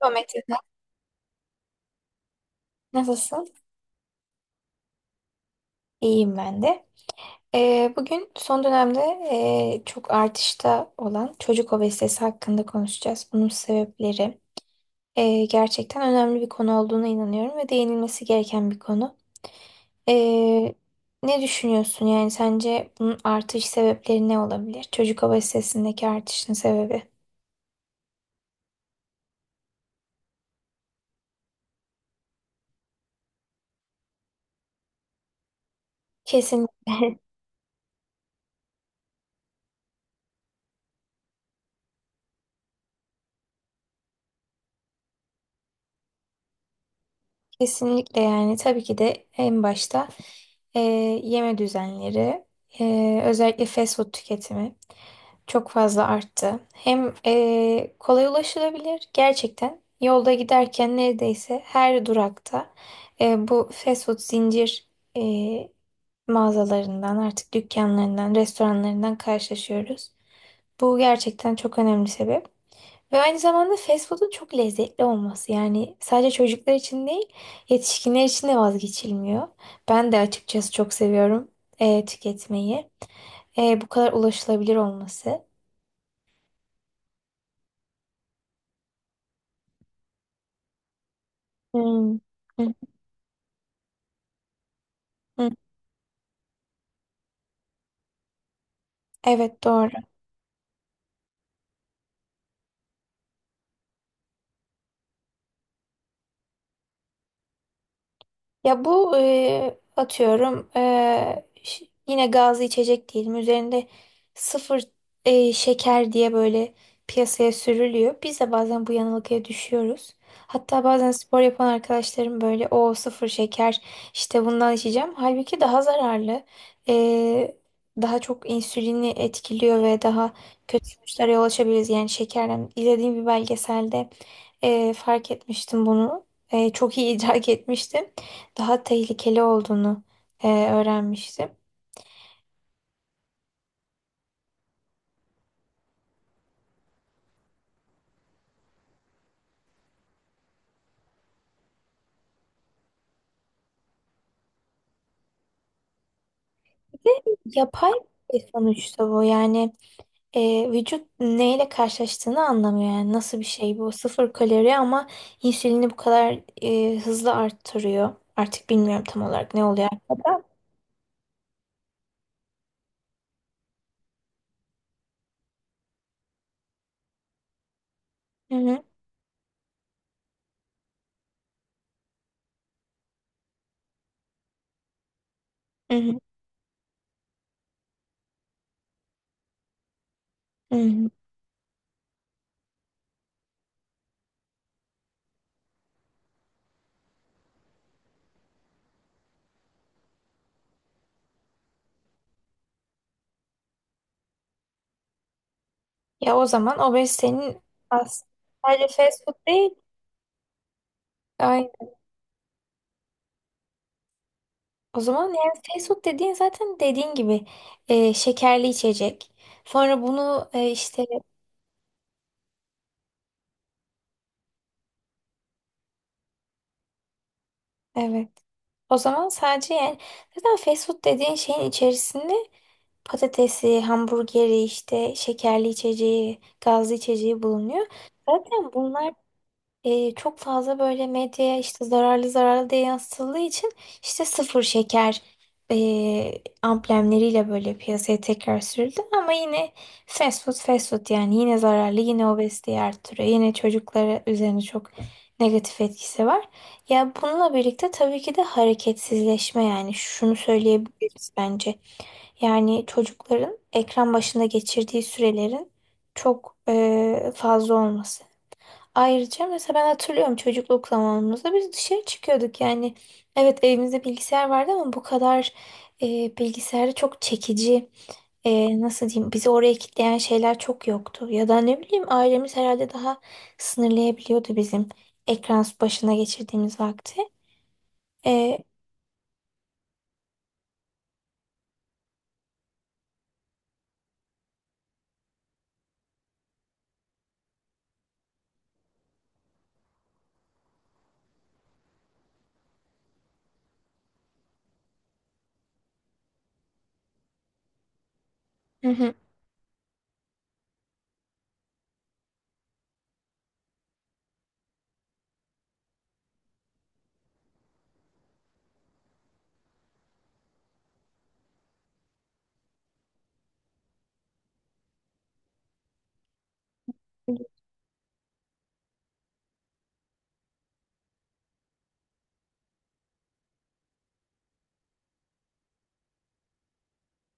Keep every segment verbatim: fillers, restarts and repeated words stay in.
Merhaba Metin. Nasılsın? İyiyim ben de. Ee, bugün son dönemde e, çok artışta olan çocuk obezitesi hakkında konuşacağız. Bunun sebepleri e, gerçekten önemli bir konu olduğuna inanıyorum ve değinilmesi gereken bir konu. Ee, ne düşünüyorsun? Yani sence bunun artış sebepleri ne olabilir? Çocuk obezitesindeki artışın sebebi. Kesinlikle. Kesinlikle, yani tabii ki de en başta e, yeme düzenleri, e, özellikle fast food tüketimi çok fazla arttı. Hem e, kolay ulaşılabilir, gerçekten yolda giderken neredeyse her durakta e, bu fast food zincir e, mağazalarından, artık dükkanlarından, restoranlarından karşılaşıyoruz. Bu gerçekten çok önemli sebep. Ve aynı zamanda fast food'un çok lezzetli olması. Yani sadece çocuklar için değil, yetişkinler için de vazgeçilmiyor. Ben de açıkçası çok seviyorum e, tüketmeyi. E, bu kadar ulaşılabilir olması. Hmm. Hı, hı. Evet, doğru. Ya bu e, atıyorum, e, ş- yine gazlı içecek diyelim, üzerinde sıfır e, şeker diye böyle piyasaya sürülüyor. Biz de bazen bu yanılgıya düşüyoruz. Hatta bazen spor yapan arkadaşlarım böyle, o sıfır şeker işte bundan içeceğim. Halbuki daha zararlı. E, daha çok insülini etkiliyor ve daha kötü sonuçlara yol açabiliriz. Yani şekerden izlediğim bir belgeselde e, fark etmiştim bunu. E, çok iyi idrak etmiştim daha tehlikeli olduğunu, e, öğrenmiştim. Yapay bir şey sonuçta bu yani, e, vücut neyle karşılaştığını anlamıyor, yani nasıl bir şey bu sıfır kalori ama insülini bu kadar e, hızlı arttırıyor. Artık bilmiyorum tam olarak ne oluyor arkada. Hı hı, hı hı, hı hı. Ya o zaman obezitenin aslında sadece fast food değil. Ay, o zaman yani fast food dediğin, zaten dediğin gibi, e, şekerli içecek. Sonra bunu, e, işte. Evet. O zaman sadece yani, zaten fast food dediğin şeyin içerisinde patatesi, hamburgeri, işte şekerli içeceği, gazlı içeceği bulunuyor. Zaten bunlar e, çok fazla böyle medyaya işte zararlı zararlı diye yansıtıldığı için, işte sıfır şeker e, amblemleriyle böyle piyasaya tekrar sürüldü, ama yine fast food fast food, yani yine zararlı, yine obeziteyi arttırıyor, yine çocuklara üzerine çok negatif etkisi var. Ya bununla birlikte tabii ki de hareketsizleşme, yani şunu söyleyebiliriz bence. Yani çocukların ekran başında geçirdiği sürelerin çok e, fazla olması. Ayrıca mesela ben hatırlıyorum, çocukluk zamanımızda biz dışarı çıkıyorduk yani. Evet, evimizde bilgisayar vardı ama bu kadar e, bilgisayarda çok çekici, e, nasıl diyeyim, bizi oraya kitleyen şeyler çok yoktu. Ya da ne bileyim, ailemiz herhalde daha sınırlayabiliyordu bizim ekran başına geçirdiğimiz vakti. E, hı hı.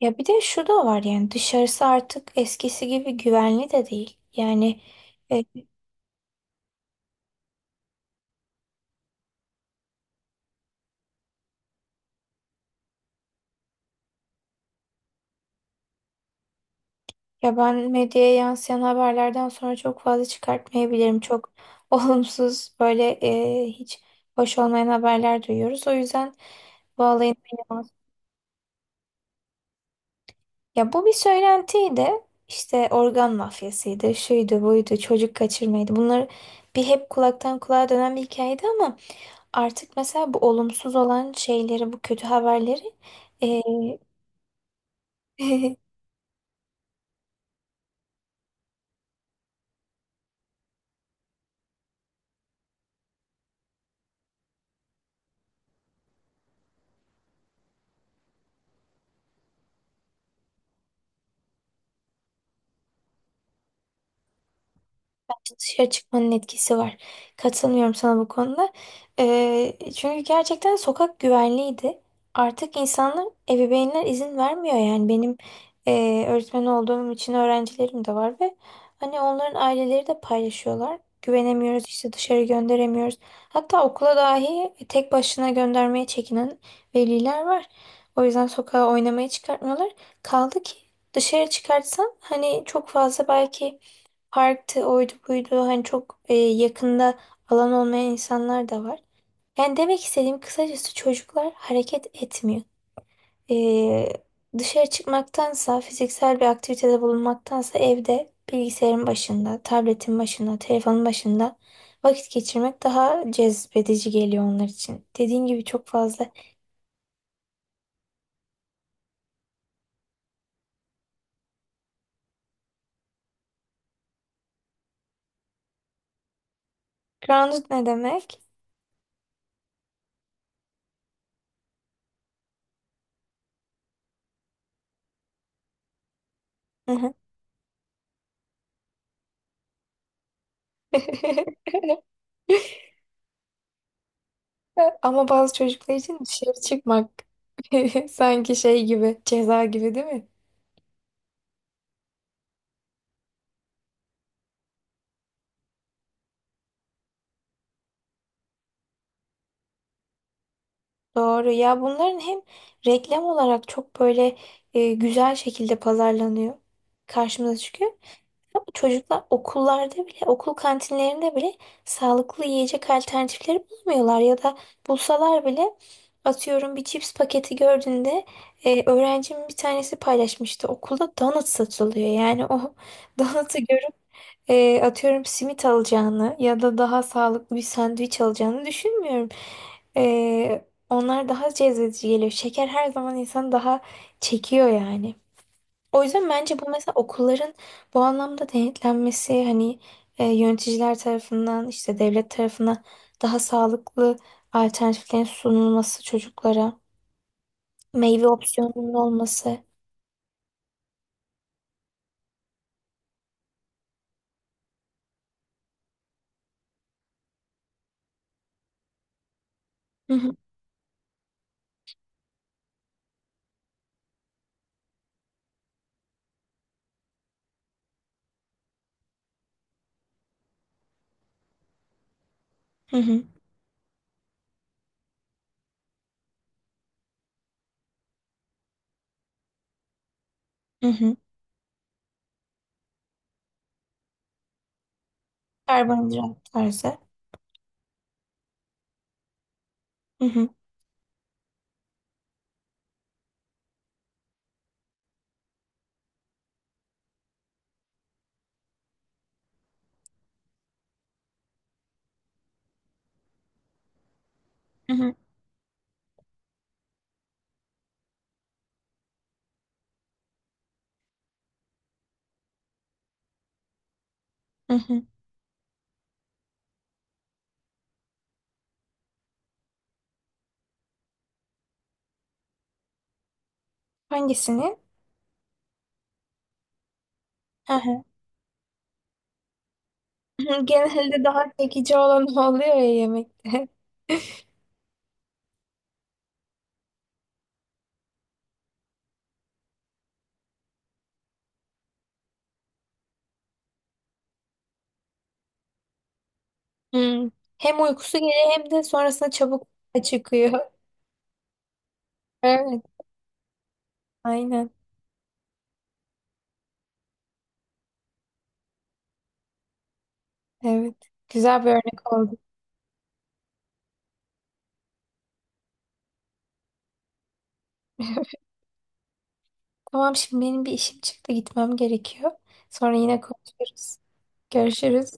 Ya bir de şu da var, yani dışarısı artık eskisi gibi güvenli de değil. Yani e, Ya ben medyaya yansıyan haberlerden sonra çok fazla çıkartmayabilirim. Çok olumsuz böyle, e, hiç hoş olmayan haberler duyuyoruz. O yüzden bu olayın beni- Ya bu bir söylentiydi. İşte organ mafyasıydı, şuydu, buydu, çocuk kaçırmaydı. Bunlar bir hep kulaktan kulağa dönen bir hikayeydi, ama artık mesela bu olumsuz olan şeyleri, bu kötü haberleri e, Dışarı çıkmanın etkisi var. Katılmıyorum sana bu konuda. Ee, çünkü gerçekten sokak güvenliydi. Artık insanlar, ebeveynler izin vermiyor yani. Benim e, öğretmen olduğum için öğrencilerim de var ve hani onların aileleri de paylaşıyorlar. Güvenemiyoruz işte, dışarı gönderemiyoruz. Hatta okula dahi tek başına göndermeye çekinen veliler var. O yüzden sokağa oynamaya çıkartmıyorlar. Kaldı ki dışarı çıkartsan, hani çok fazla belki parktı, oydu buydu. Hani çok e, yakında alan olmayan insanlar da var. Yani demek istediğim kısacası, çocuklar hareket etmiyor. E, dışarı çıkmaktansa, fiziksel bir aktivitede bulunmaktansa, evde bilgisayarın başında, tabletin başında, telefonun başında vakit geçirmek daha cezbedici geliyor onlar için. Dediğin gibi çok fazla. Grounded ne demek? Hı hı. Ama bazı çocuklar için dışarı çıkmak sanki şey gibi, ceza gibi, değil mi? Doğru. Ya bunların hem reklam olarak çok böyle e, güzel şekilde pazarlanıyor. Karşımıza çıkıyor. Ama çocuklar okullarda bile, okul kantinlerinde bile sağlıklı yiyecek alternatifleri bulamıyorlar. Ya da bulsalar bile, atıyorum bir cips paketi gördüğünde, e, öğrencimin bir tanesi paylaşmıştı. Okulda donut satılıyor. Yani o donut'u, e, atıyorum simit alacağını ya da daha sağlıklı bir sandviç alacağını düşünmüyorum. E, onlar daha cezbedici geliyor. Şeker her zaman insanı daha çekiyor yani. O yüzden bence bu mesela okulların bu anlamda denetlenmesi, hani e, yöneticiler tarafından, işte devlet tarafından daha sağlıklı alternatiflerin sunulması, çocuklara meyve opsiyonunun olması. Hı hı, hı hı. Hı hı. Karbonhidrat tarzı. Hı hı, hı hı. Hı hı. Hangisini? Hı hı. Genelde daha çekici olan o oluyor ya yemekte. Hmm. Hem uykusu geliyor, hem de sonrasında çabuk çıkıyor. Evet, aynen. Evet. Güzel bir örnek oldu. Tamam, şimdi benim bir işim çıktı, gitmem gerekiyor. Sonra yine konuşuruz. Görüşürüz.